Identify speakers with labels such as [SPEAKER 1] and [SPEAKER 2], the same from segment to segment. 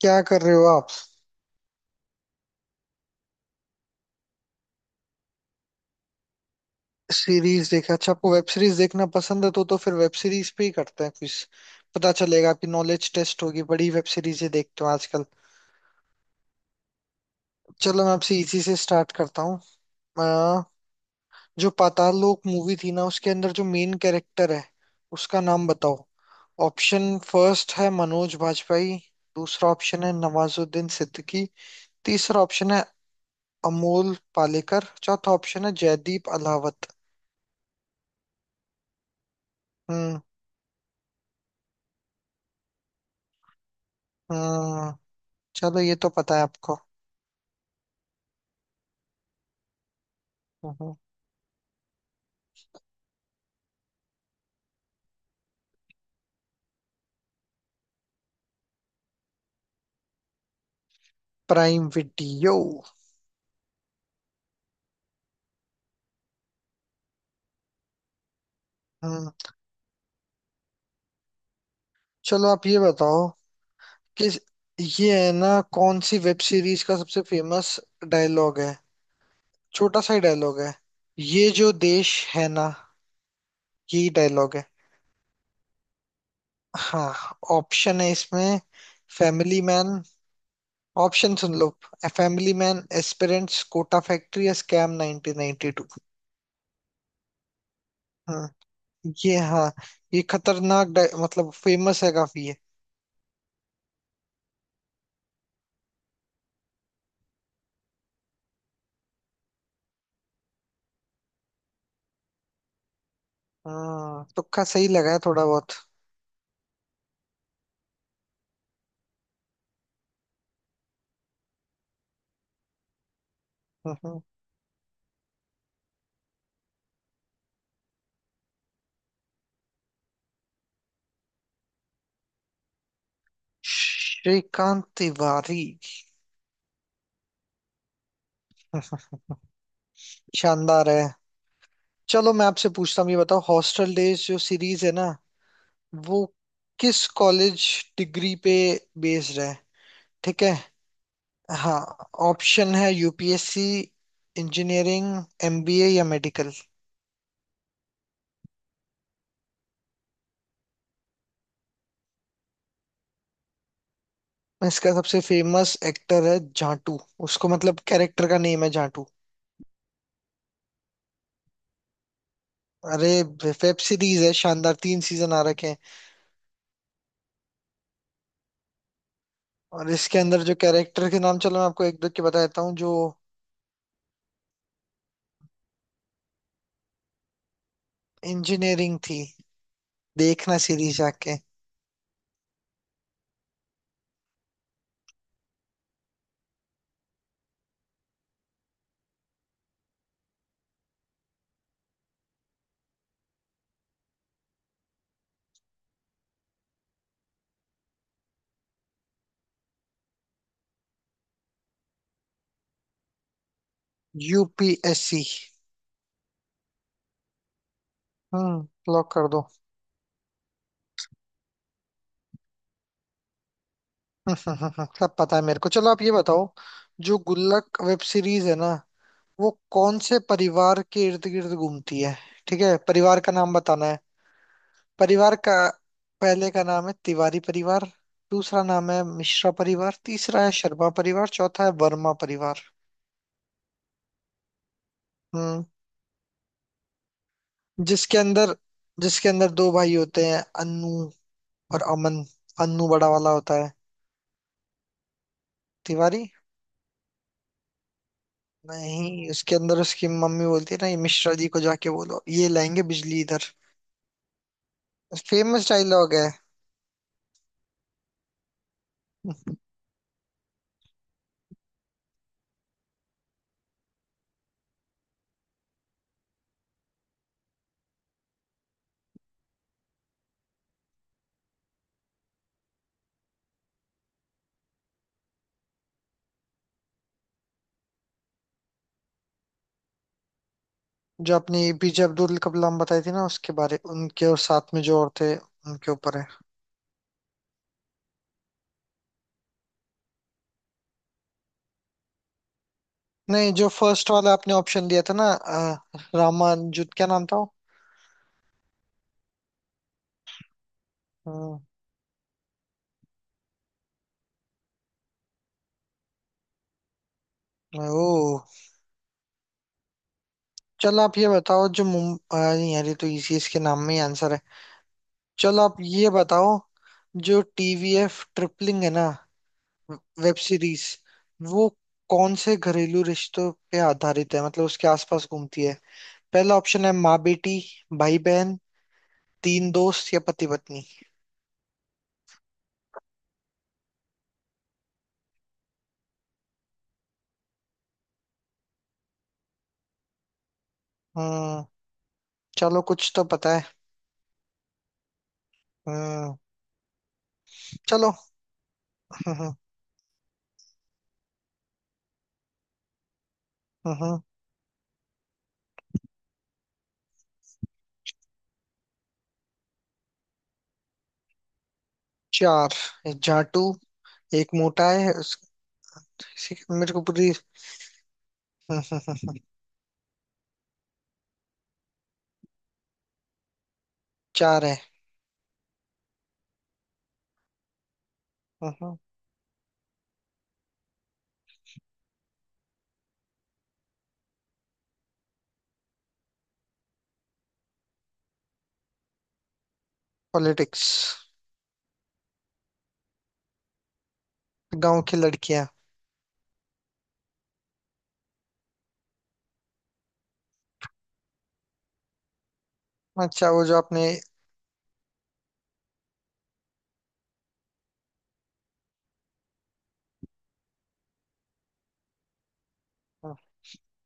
[SPEAKER 1] क्या कर रहे हो आप। सीरीज देखे? अच्छा, आपको वेब सीरीज देखना पसंद है? तो फिर वेब सीरीज पे ही करते हैं कुछ। पता चलेगा, आपकी नॉलेज टेस्ट होगी। बड़ी वेब सीरीजें देखते हो आजकल? चलो मैं आपसे इसी से स्टार्ट करता हूँ। अ, जो पाताल लोक मूवी थी ना, उसके अंदर जो मेन कैरेक्टर है उसका नाम बताओ। ऑप्शन फर्स्ट है मनोज बाजपेयी। दूसरा ऑप्शन है नवाजुद्दीन सिद्दीकी। तीसरा ऑप्शन है अमोल पालेकर। चौथा ऑप्शन है जयदीप अलावत। हम्म। हम्म। चलो ये तो पता है आपको। हम्म। Prime video. हम्म। चलो आप ये बताओ कि ये है ना, कौन सी वेब सीरीज का सबसे फेमस डायलॉग है। छोटा सा ही डायलॉग है, ये जो देश है ना, यही डायलॉग है। हाँ ऑप्शन है इसमें, फैमिली मैन। ऑप्शन सुन लो, family man, aspirants, Kota factory या स्कैम 1992। हाँ। ये हाँ, ये खतरनाक मतलब फेमस है काफी ये। हाँ तुक्का सही लगा है थोड़ा बहुत। हम्म, श्रीकांत तिवारी। शानदार है। चलो मैं आपसे पूछता हूँ, ये बताओ, हॉस्टल डेज जो सीरीज है ना, वो किस कॉलेज डिग्री पे बेस्ड है? ठीक है। हाँ, ऑप्शन है यूपीएससी, इंजीनियरिंग, एमबीए या मेडिकल। इसका सबसे फेमस एक्टर है जाटू। उसको मतलब कैरेक्टर का नेम है जाटू। अरे, वेब सीरीज है, शानदार, तीन सीजन आ रखे हैं। और इसके अंदर जो कैरेक्टर के नाम, चलो मैं आपको एक दो के बता देता हूँ जो। इंजीनियरिंग थी। देखना सीरीज जाके। यूपीएससी। हम्म, लॉक कर दो। सब पता है मेरे को। चलो आप ये बताओ, जो गुल्लक वेब सीरीज है ना, वो कौन से परिवार के इर्द गिर्द घूमती है? ठीक है, परिवार का नाम बताना है। परिवार का पहले का नाम है तिवारी परिवार। दूसरा नाम है मिश्रा परिवार। तीसरा है शर्मा परिवार। चौथा है वर्मा परिवार। हम्म। जिसके अंदर जिसके अंदर दो भाई होते हैं, अनु और अमन। अनु बड़ा वाला होता है। तिवारी। नहीं, उसके अंदर उसकी मम्मी बोलती है ना, ये मिश्रा जी को जाके बोलो, ये लाएंगे बिजली इधर। फेमस डायलॉग है। जो अपनी पीजे अब्दुल कलाम बताई थी ना, उसके बारे, उनके और साथ में जो और थे उनके ऊपर है। नहीं, जो फर्स्ट वाला आपने ऑप्शन दिया था ना, रामान जुत क्या नाम था वो? हम्म। ओ, चलो आप ये बताओ। जो नहीं यार, ये तो इसी इसके नाम में ही आंसर है। चलो आप ये बताओ, जो टीवीएफ ट्रिपलिंग है ना वेब सीरीज, वो कौन से घरेलू रिश्तों पे आधारित है, मतलब उसके आसपास घूमती है? पहला ऑप्शन है माँ बेटी, भाई बहन, तीन दोस्त या पति पत्नी। हम्म। चलो कुछ तो पता है। हम्म। चलो। हम्म। हम्म। चार। एक जाटू, एक मोटा है मेरे को पूरी। चार है। हम्म। पॉलिटिक्स। गांव की लड़कियां। अच्छा, वो जो आपने।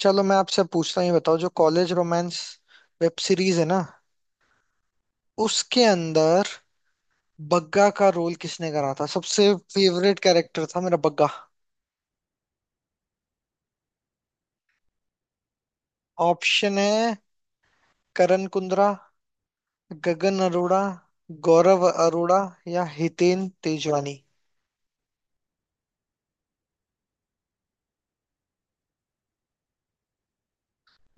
[SPEAKER 1] चलो मैं आपसे पूछता हूँ, ये बताओ, जो कॉलेज रोमांस वेब सीरीज है ना, उसके अंदर बग्गा का रोल किसने करा था? सबसे फेवरेट कैरेक्टर था मेरा बग्गा। ऑप्शन है करण कुंद्रा, गगन अरोड़ा, गौरव अरोड़ा या हितेन तेजवानी।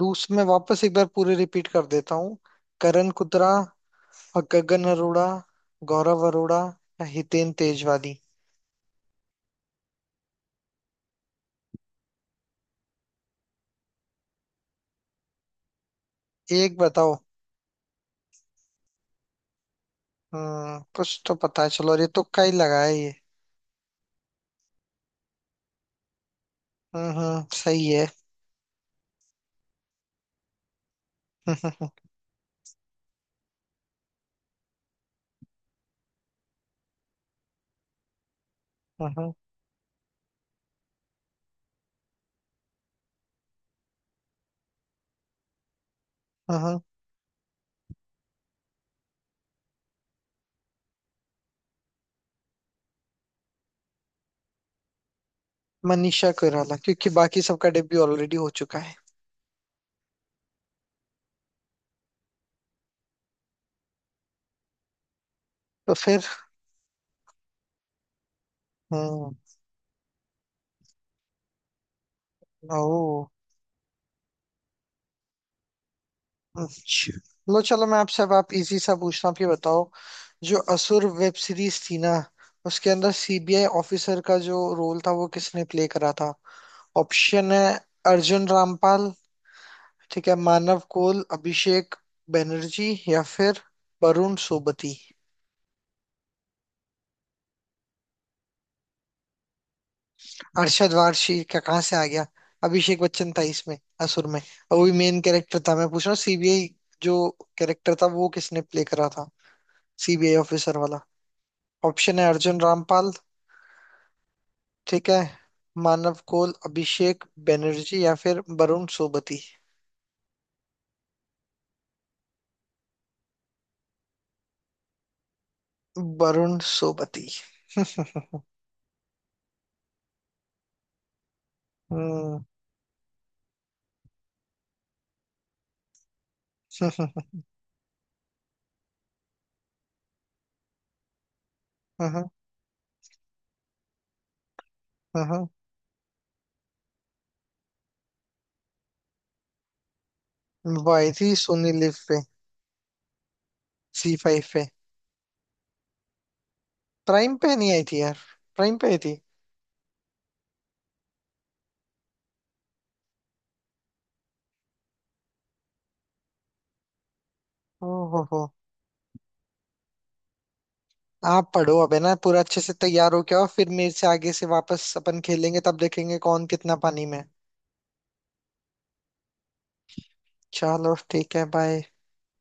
[SPEAKER 1] दूस मैं वापस एक बार पूरे रिपीट कर देता हूँ। करण कुंद्रा, गगन अरोड़ा, गौरव अरोड़ा या हितेन तेजवानी। एक बताओ। हम्म, कुछ तो पता है। चलो, और ये तुक्का ही लगाया ये? हम्म। सही है। मनीषा कोइराला, क्योंकि बाकी सबका डेब्यू ऑलरेडी हो चुका है। तो फिर। हम्म। ओ, अच्छा। लो, चलो मैं आपसे अब, आप इजी सा पूछना। आप ये बताओ, जो असुर वेब सीरीज थी ना, उसके अंदर सीबीआई ऑफिसर का जो रोल था वो किसने प्ले करा था? ऑप्शन है अर्जुन रामपाल, ठीक है, मानव कोल, अभिषेक बनर्जी या फिर वरुण सोबती। अरशद वारसी क्या, कहाँ से आ गया? अभिषेक बच्चन था इसमें असुर में, और वो भी मेन कैरेक्टर था। मैं पूछ रहा हूँ सीबीआई जो कैरेक्टर था वो किसने प्ले करा था, सीबीआई ऑफिसर वाला। ऑप्शन है अर्जुन रामपाल, ठीक है, मानव कोल, अभिषेक बनर्जी या फिर वरुण सोबती। वरुण सोबती। हम्म। हम्म, वो आई थी सोनी लिव पे। सी फाइव पे। प्राइम पे नहीं आई थी यार? प्राइम पे आई थी। ओहो। आप पढ़ो अब है ना पूरा अच्छे से, तैयार हो क्या, और फिर मेरे से आगे से वापस अपन खेलेंगे, तब देखेंगे कौन कितना पानी में है। चलो ठीक है, बाय।